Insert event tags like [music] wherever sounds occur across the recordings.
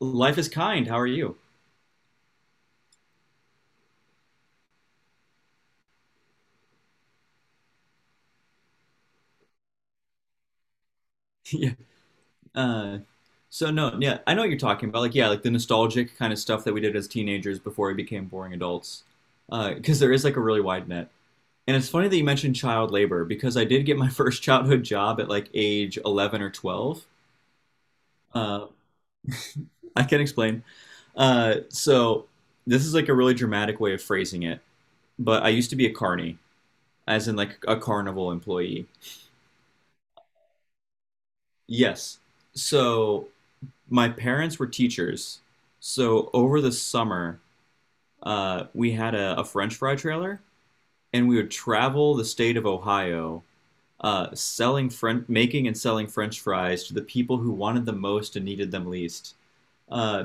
Life is kind. How are you? [laughs] Yeah. Uh, so no, yeah, I know what you're talking about. Like, yeah, like the nostalgic kind of stuff that we did as teenagers before we became boring adults. Because there is like a really wide net. And it's funny that you mentioned child labor because I did get my [laughs] first childhood job at like age 11 or 12. Uh, I can explain. So this is like a really dramatic way of phrasing it, but I used to be a carny, as in like a carnival employee. Yes. So my parents were teachers, so over the summer, we had a French fry trailer, and we would travel the state of Ohio, selling French, making and selling French fries to the people who wanted them most and needed them least. Uh,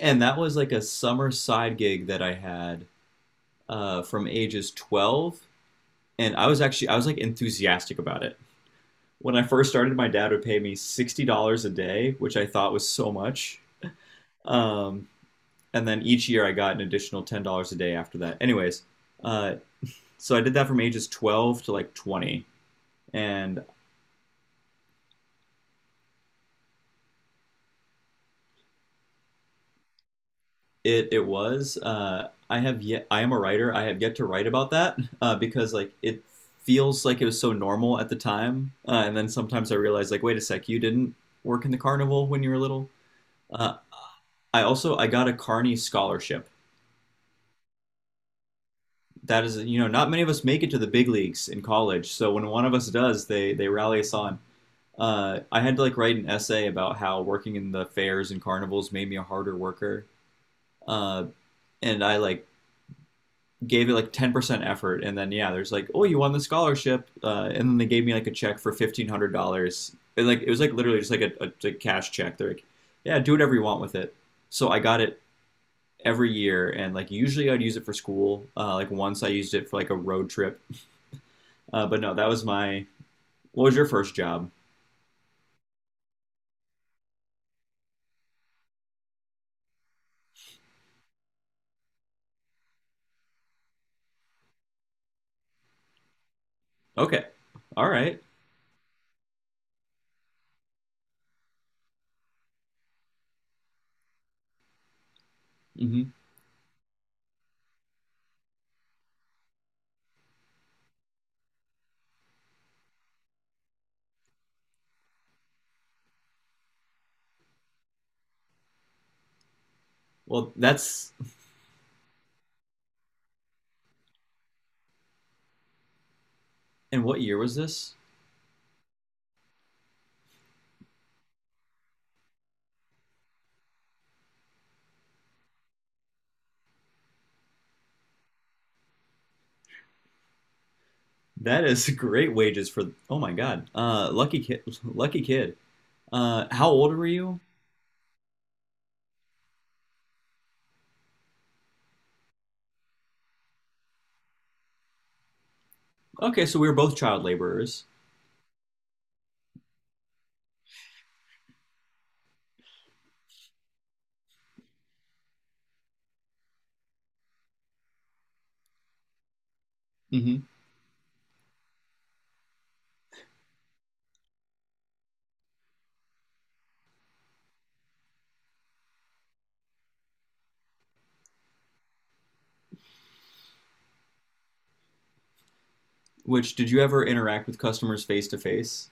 and that was like a summer side gig that I had, from ages 12, and I was actually, I was like enthusiastic about it. When I first started, my dad would pay me $60 a day, which I thought was so much. Um, and then each year I got an additional $10 a day after that. Anyways, uh, so I did that from ages 12 to like 20, and it was, I have yet I am a writer. I have yet to write about that, because like it feels like it was so normal at the time, and then sometimes I realize like wait a sec, you didn't work in the carnival when you were little. Uh, I also, I got a Carney scholarship. That is, not many of us make it to the big leagues in college. So when one of us does, they rally us on. I had to like write an essay about how working in the fairs and carnivals made me a harder worker. Uh, and I like gave it like 10% effort. And then, yeah, there's like, oh, you won the scholarship. And then they gave me like a check for $1,500. And like, it was like literally just like a cash check. They're like, yeah, do whatever you want with it. So I got it every year. And like, usually I'd use it for school. Like, once I used it for like a road trip. But no, that was my, what was your first job? Okay. All right. Mm-hmm. Well, that's. And what year was this? That is [laughs] great wages for. Oh my God. Lucky kid. Lucky kid. How old were you? Okay, so we were both child laborers. Hmm. Which Did you ever interact with customers face to face?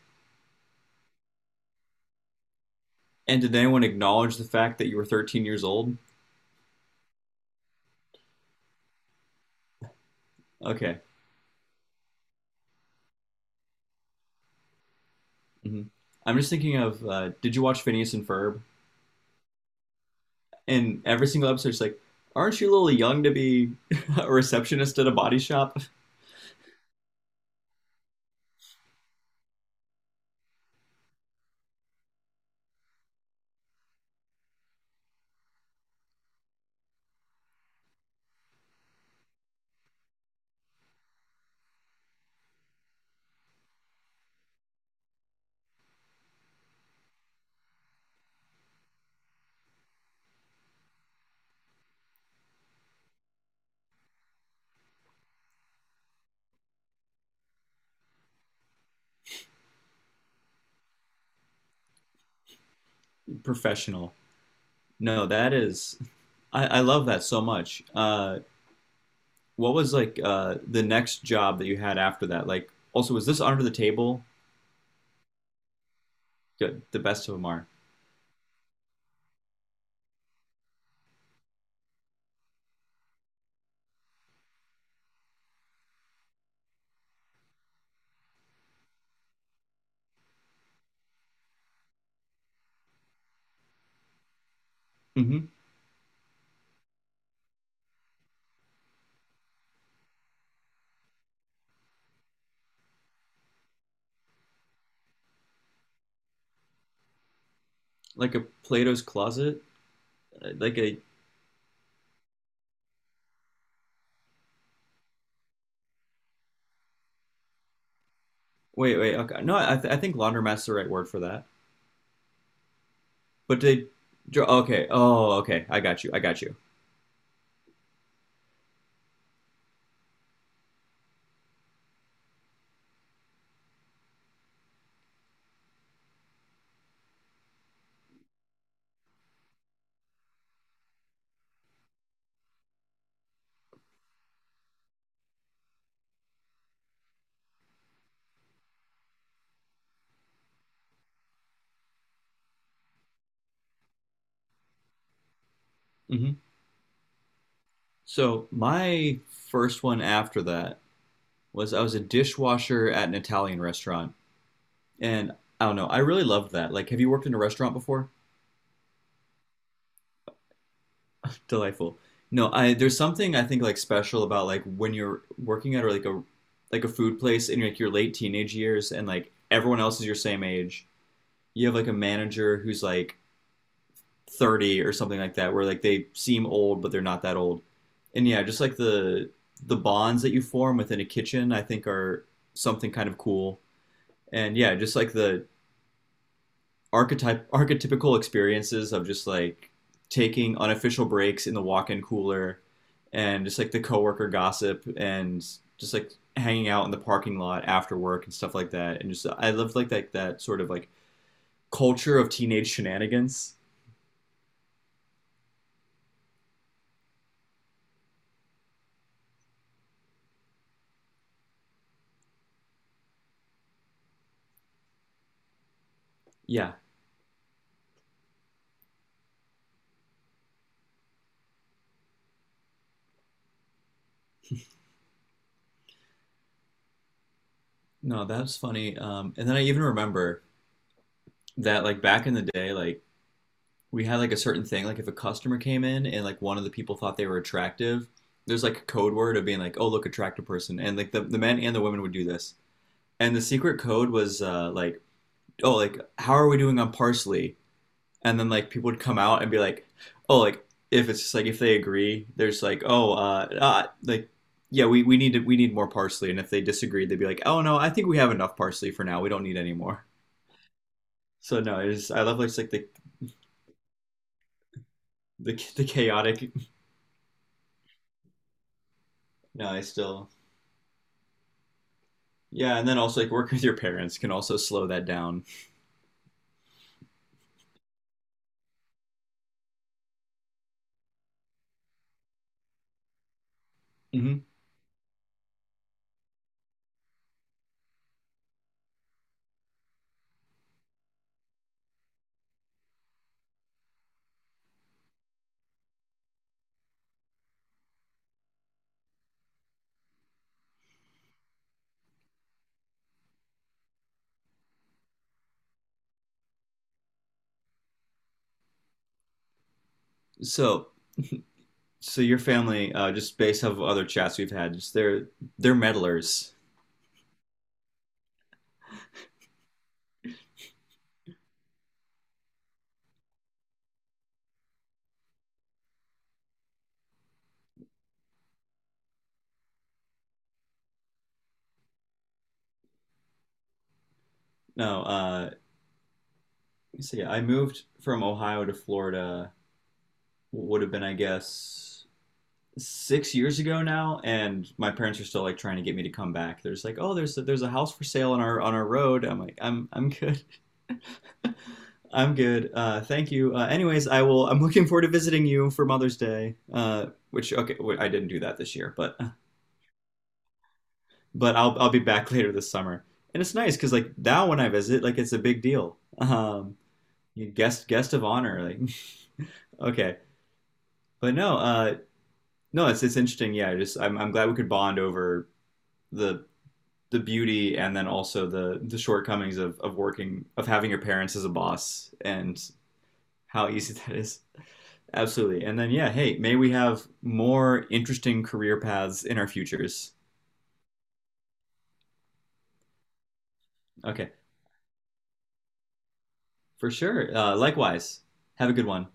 And did anyone acknowledge the fact that you were 13 years old? Okay. Mhm. I'm just thinking of. Did you watch Phineas and Ferb? And every single episode, it's like, aren't you a little young to be [laughs] a receptionist at a body shop? [laughs] Professional. No, that is. [laughs] I love that so much. What was like, the next job that you had after that? Like, also, was this under the table? Good, the best of them are. Hmm. Like a Plato's closet. Like a wait, wait, okay, no, I think laundromat's the right word for that. But they, okay, oh, okay, I got you, I got you. Mm-hmm. So my first one after that was, I was a dishwasher at an Italian restaurant, and I don't know, I really loved that. Like, have you worked in a restaurant before? Delightful. No, I there's something I think like special about like when you're working at or like a food place in like your late teenage years, and like everyone else is your same age. You have like a manager who's like 30 or something like that, where like they seem old but they're not that old. And yeah, just like the bonds that you form within a kitchen, I think, are something kind of cool. And yeah, just like the archetype archetypical experiences of just like taking unofficial breaks in the walk-in cooler, and just like the coworker gossip, and just like hanging out in the parking lot after work and stuff like that. And just I loved like that sort of like culture of teenage shenanigans, yeah. No, that's funny. And then I even remember that, like back in the day, like we had like a certain thing, like if a customer came in and like one of the people thought they were attractive, there's like a code word of being like, oh look, attractive person. And like the men and the women would do this. And the secret code was like, oh, like, how are we doing on parsley? And then like people would come out and be like, oh, like, if it's just like if they agree, there's like, oh, like, yeah, we we need more parsley. And if they disagreed, they'd be like, oh no, I think we have enough parsley for now. We don't need any more. So no, I just, I love like, the chaotic. No, I still. Yeah, and then also like working with your parents can also slow that down. Mhm. So so your family, just based off of other chats we've had, just they're meddlers. No, so yeah, I moved from Ohio to Florida. Would have been, I guess, 6 years ago now, and my parents are still like trying to get me to come back. They're just like, oh, there's a house for sale on our road. I'm like, I'm good. I'm good. Thank you. Anyways, I will. I'm looking forward to visiting you for Mother's Day. Which okay, wait, I didn't do that this year, but [laughs] but I'll be back [laughs] later this summer. And it's nice because like now when I visit, like it's a big deal. You guest of honor. Like [laughs] okay, but no, no, it's interesting. Yeah, I just, I'm glad we could bond over the beauty, and then also the shortcomings of working of having your parents as a boss, and how easy [laughs] that is. Absolutely. And then, yeah, hey, may we have more interesting career paths in our futures. Okay, for sure. Likewise, have a good one.